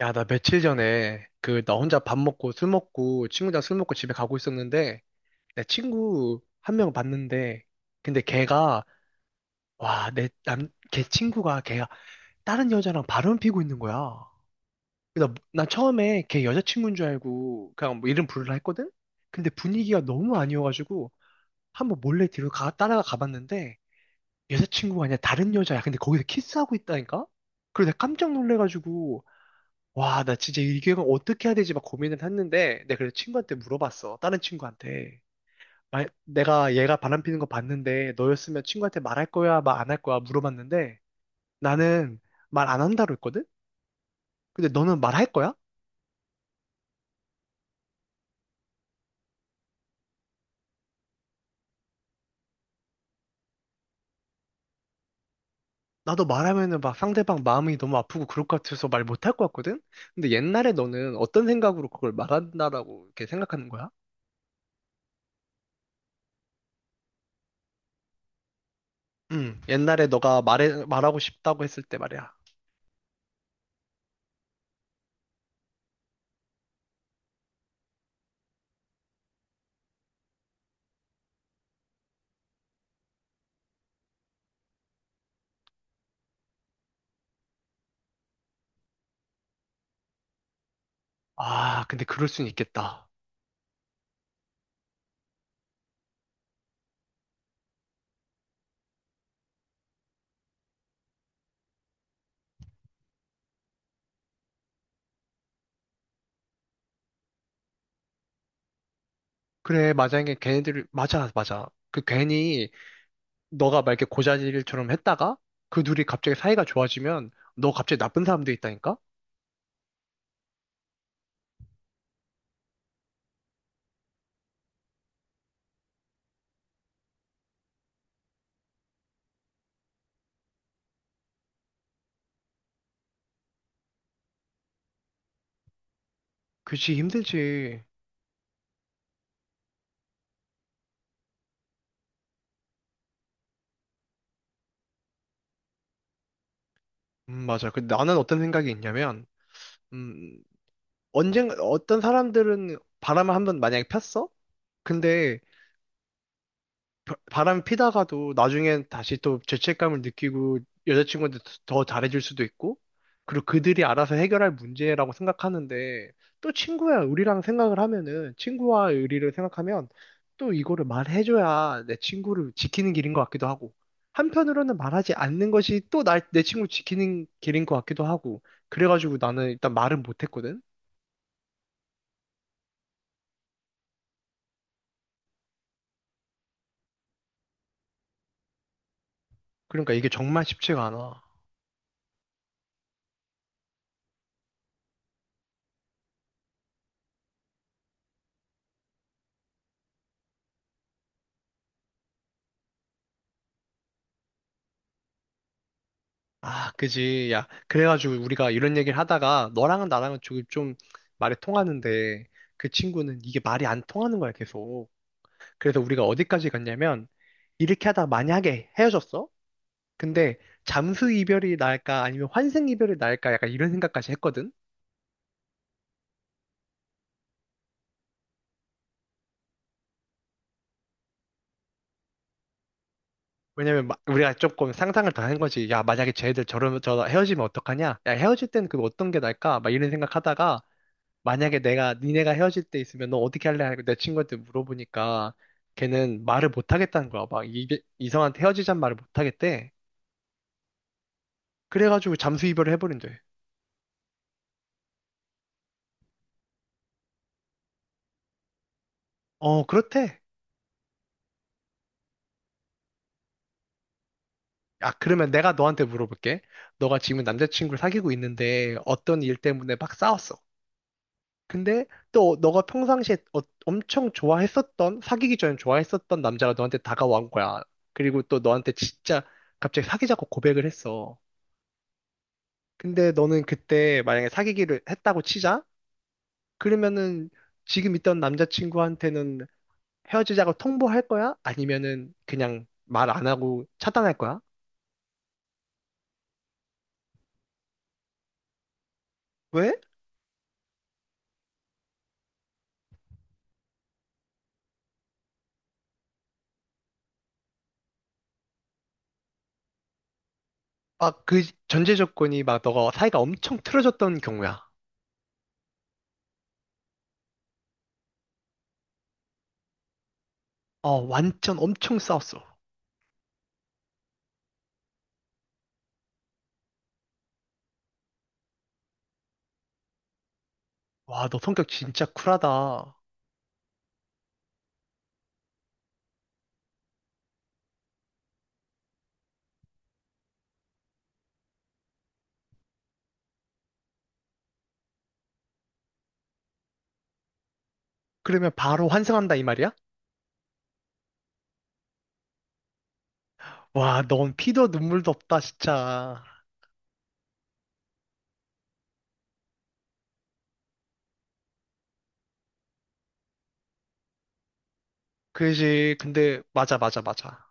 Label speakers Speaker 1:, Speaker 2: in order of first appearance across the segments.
Speaker 1: 야, 나 며칠 전에 그 나 혼자 밥 먹고 술 먹고 친구랑 술 먹고 집에 가고 있었는데 내 친구 한 명 봤는데 근데 걔가 와, 걔 친구가 걔가 다른 여자랑 바람 피고 있는 거야. 나 처음에 걔 여자친구인 줄 알고 그냥 뭐 이름 부르라 했거든? 근데 분위기가 너무 아니어가지고 한번 몰래 뒤로 따라가 가봤는데 여자친구가 아니라 다른 여자야. 근데 거기서 키스하고 있다니까? 그래서 내가 깜짝 놀래가지고 와, 나 진짜 이 기획은 어떻게 해야 되지 막 고민을 했는데, 내가 그래서 친구한테 물어봤어. 다른 친구한테. 내가 얘가 바람 피는 거 봤는데, 너였으면 친구한테 말할 거야, 말 안 할 거야 물어봤는데, 나는 말 안 한다고 했거든? 근데 너는 말할 거야? 나도 말하면은 막 상대방 마음이 너무 아프고 그럴 것 같아서 말 못 할 것 같거든? 근데 옛날에 너는 어떤 생각으로 그걸 말한다라고 이렇게 생각하는 거야? 응, 옛날에 너가 말하고 싶다고 했을 때 말이야. 아, 근데 그럴 순 있겠다. 그래, 맞아. 이게 걔네들, 맞아, 맞아. 그 괜히 너가 막 이렇게 고자질처럼 했다가 그 둘이 갑자기 사이가 좋아지면 너 갑자기 나쁜 사람도 있다니까? 그치, 힘들지. 맞아. 근데 나는 어떤 생각이 있냐면, 음, 언젠가, 어떤 사람들은 바람을 한번 만약에 폈어? 근데 바람 피다가도 나중엔 다시 또 죄책감을 느끼고 여자친구한테 더 잘해줄 수도 있고, 그리고 그들이 알아서 해결할 문제라고 생각하는데, 또 친구야, 우리랑 생각을 하면은, 친구와 의리를 생각하면, 또 이거를 말해줘야 내 친구를 지키는 길인 것 같기도 하고, 한편으로는 말하지 않는 것이 또 내 친구 지키는 길인 것 같기도 하고, 그래가지고 나는 일단 말은 못했거든? 그러니까 이게 정말 쉽지가 않아. 아, 그지. 야, 그래가지고 우리가 이런 얘기를 하다가 너랑은 나랑은 조금 좀 말이 통하는데 그 친구는 이게 말이 안 통하는 거야, 계속. 그래서 우리가 어디까지 갔냐면 이렇게 하다 만약에 헤어졌어? 근데 잠수 이별이 나을까 아니면 환생 이별이 나을까 약간 이런 생각까지 했거든? 왜냐면 우리가 조금 상상을 다 한 거지. 야, 만약에 쟤들 저러면 저 헤어지면 어떡하냐? 야, 헤어질 때는 그 어떤 게 나을까? 막 이런 생각하다가 만약에 내가 니네가 헤어질 때 있으면 너 어떻게 할래? 하고 내 친구한테 물어보니까 걔는 말을 못 하겠다는 거야. 이성한테 헤어지자는 말을 못 하겠대. 그래가지고 잠수 이별을 해버린대. 어, 그렇대. 아, 그러면 내가 너한테 물어볼게. 너가 지금 남자친구를 사귀고 있는데 어떤 일 때문에 막 싸웠어. 근데 또 너가 평상시에 엄청 좋아했었던, 사귀기 전에 좋아했었던 남자가 너한테 다가온 거야. 그리고 또 너한테 진짜 갑자기 사귀자고 고백을 했어. 근데 너는 그때 만약에 사귀기를 했다고 치자? 그러면은 지금 있던 남자친구한테는 헤어지자고 통보할 거야? 아니면은 그냥 말 안 하고 차단할 거야? 왜? 막 그 전제 조건이 막 너가 사이가 엄청 틀어졌던 경우야. 어, 완전 엄청 싸웠어. 와, 너 성격 진짜 쿨하다. 그러면 바로 환승한다 이 말이야? 와, 넌 피도 눈물도 없다, 진짜. 그지. 근데 맞아, 맞아, 맞아.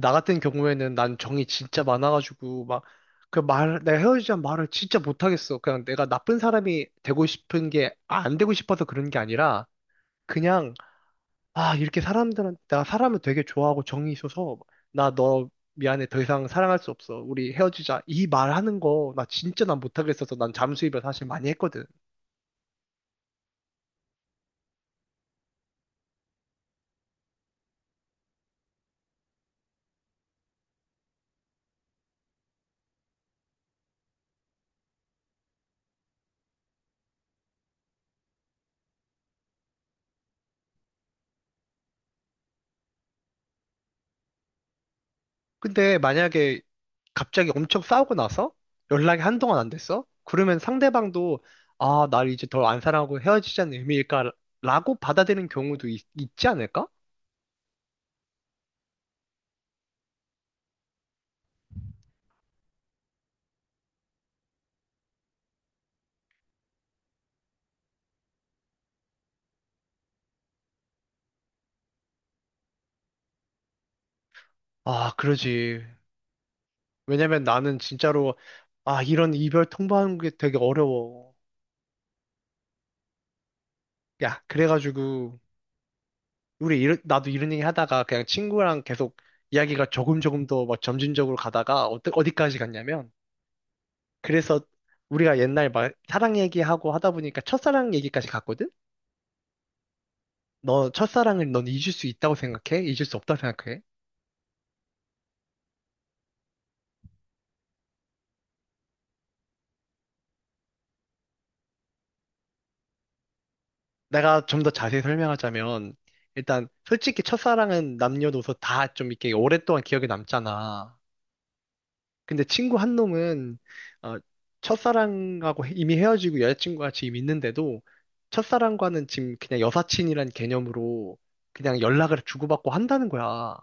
Speaker 1: 나 같은 경우에는 난 정이 진짜 많아가지고 막 그 말, 내가 헤어지자는 말을 진짜 못하겠어. 그냥 내가 나쁜 사람이 되고 싶은 게, 아, 안 되고 싶어서 그런 게 아니라 그냥 아, 이렇게 사람들한테 나 사람을 되게 좋아하고 정이 있어서 나 너 미안해 더 이상 사랑할 수 없어. 우리 헤어지자. 이 말하는 거 나 진짜 난 못하겠어서 난 잠수입을 사실 많이 했거든. 근데 만약에 갑자기 엄청 싸우고 나서 연락이 한동안 안 됐어? 그러면 상대방도 아, 날 이제 덜 안 사랑하고 헤어지자는 의미일까? 라고 받아들이는 경우도 지 않을까? 아, 그러지. 왜냐면 나는 진짜로 아, 이런 이별 통보하는 게 되게 어려워. 야, 그래가지고 우리 나도 이런 얘기 하다가 그냥 친구랑 계속 이야기가 조금 더 막 점진적으로 가다가 어디까지 갔냐면 그래서 우리가 옛날 막 사랑 얘기하고 하다 보니까 첫사랑 얘기까지 갔거든? 너 첫사랑을 넌 잊을 수 있다고 생각해? 잊을 수 없다고 생각해? 내가 좀 더 자세히 설명하자면 일단 솔직히 첫사랑은 남녀노소 다 좀 이렇게 오랫동안 기억에 남잖아. 근데 친구 한 놈은 어, 첫사랑하고 이미 헤어지고 여자친구가 지금 있는데도 첫사랑과는 지금 그냥 여사친이란 개념으로 그냥 연락을 주고받고 한다는 거야.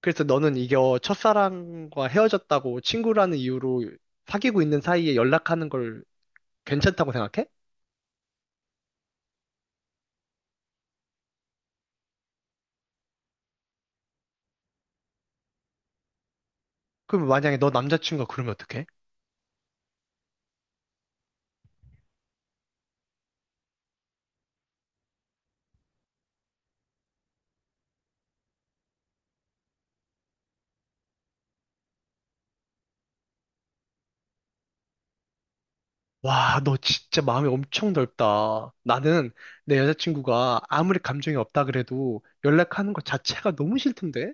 Speaker 1: 그래서 너는 이겨 첫사랑과 헤어졌다고 친구라는 이유로 사귀고 있는 사이에 연락하는 걸 괜찮다고 생각해? 그럼 만약에 너 남자친구가 그러면 어떡해? 와, 너 진짜 마음이 엄청 넓다. 나는 내 여자친구가 아무리 감정이 없다 그래도 연락하는 것 자체가 너무 싫던데?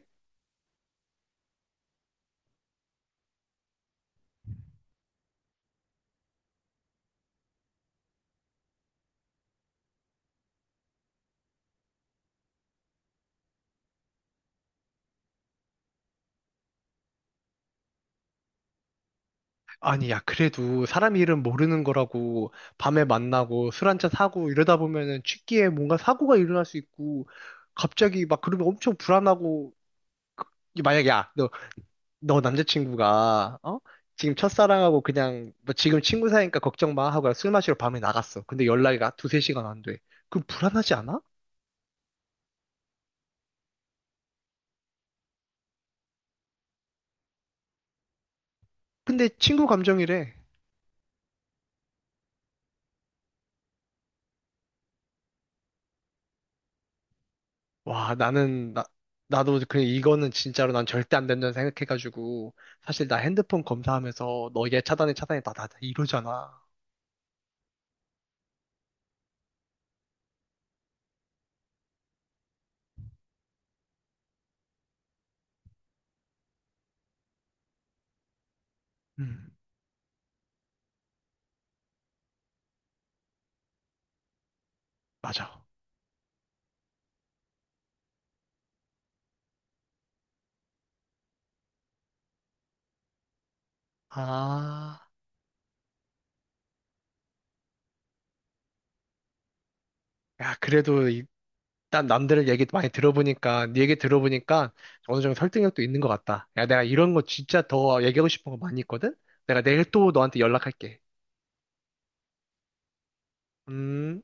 Speaker 1: 아니, 야, 그래도 사람 이름 모르는 거라고 밤에 만나고 술 한잔 사고 이러다 보면은 취기에 뭔가 사고가 일어날 수 있고 갑자기 막 그러면 엄청 불안하고 그- 만약에 야, 너 남자친구가 어? 지금 첫사랑하고 그냥 뭐 지금 친구 사이니까 걱정 마 하고 술 마시러 밤에 나갔어. 근데 연락이 가 두세 시간 안 돼. 그럼 불안하지 않아? 근데 친구 감정이래. 와 나는 나 나도 그냥 이거는 진짜로 난 절대 안 된다는 생각해가지고 사실 나 핸드폰 검사하면서 너 얘 차단해 나나 이러잖아. 음 맞아. 아 야 그래도 난 남들 얘기 많이 들어보니까, 네 얘기 들어보니까 어느 정도 설득력도 있는 것 같다. 야, 내가 이런 거 진짜 더 얘기하고 싶은 거 많이 있거든? 내가 내일 또 너한테 연락할게. 음.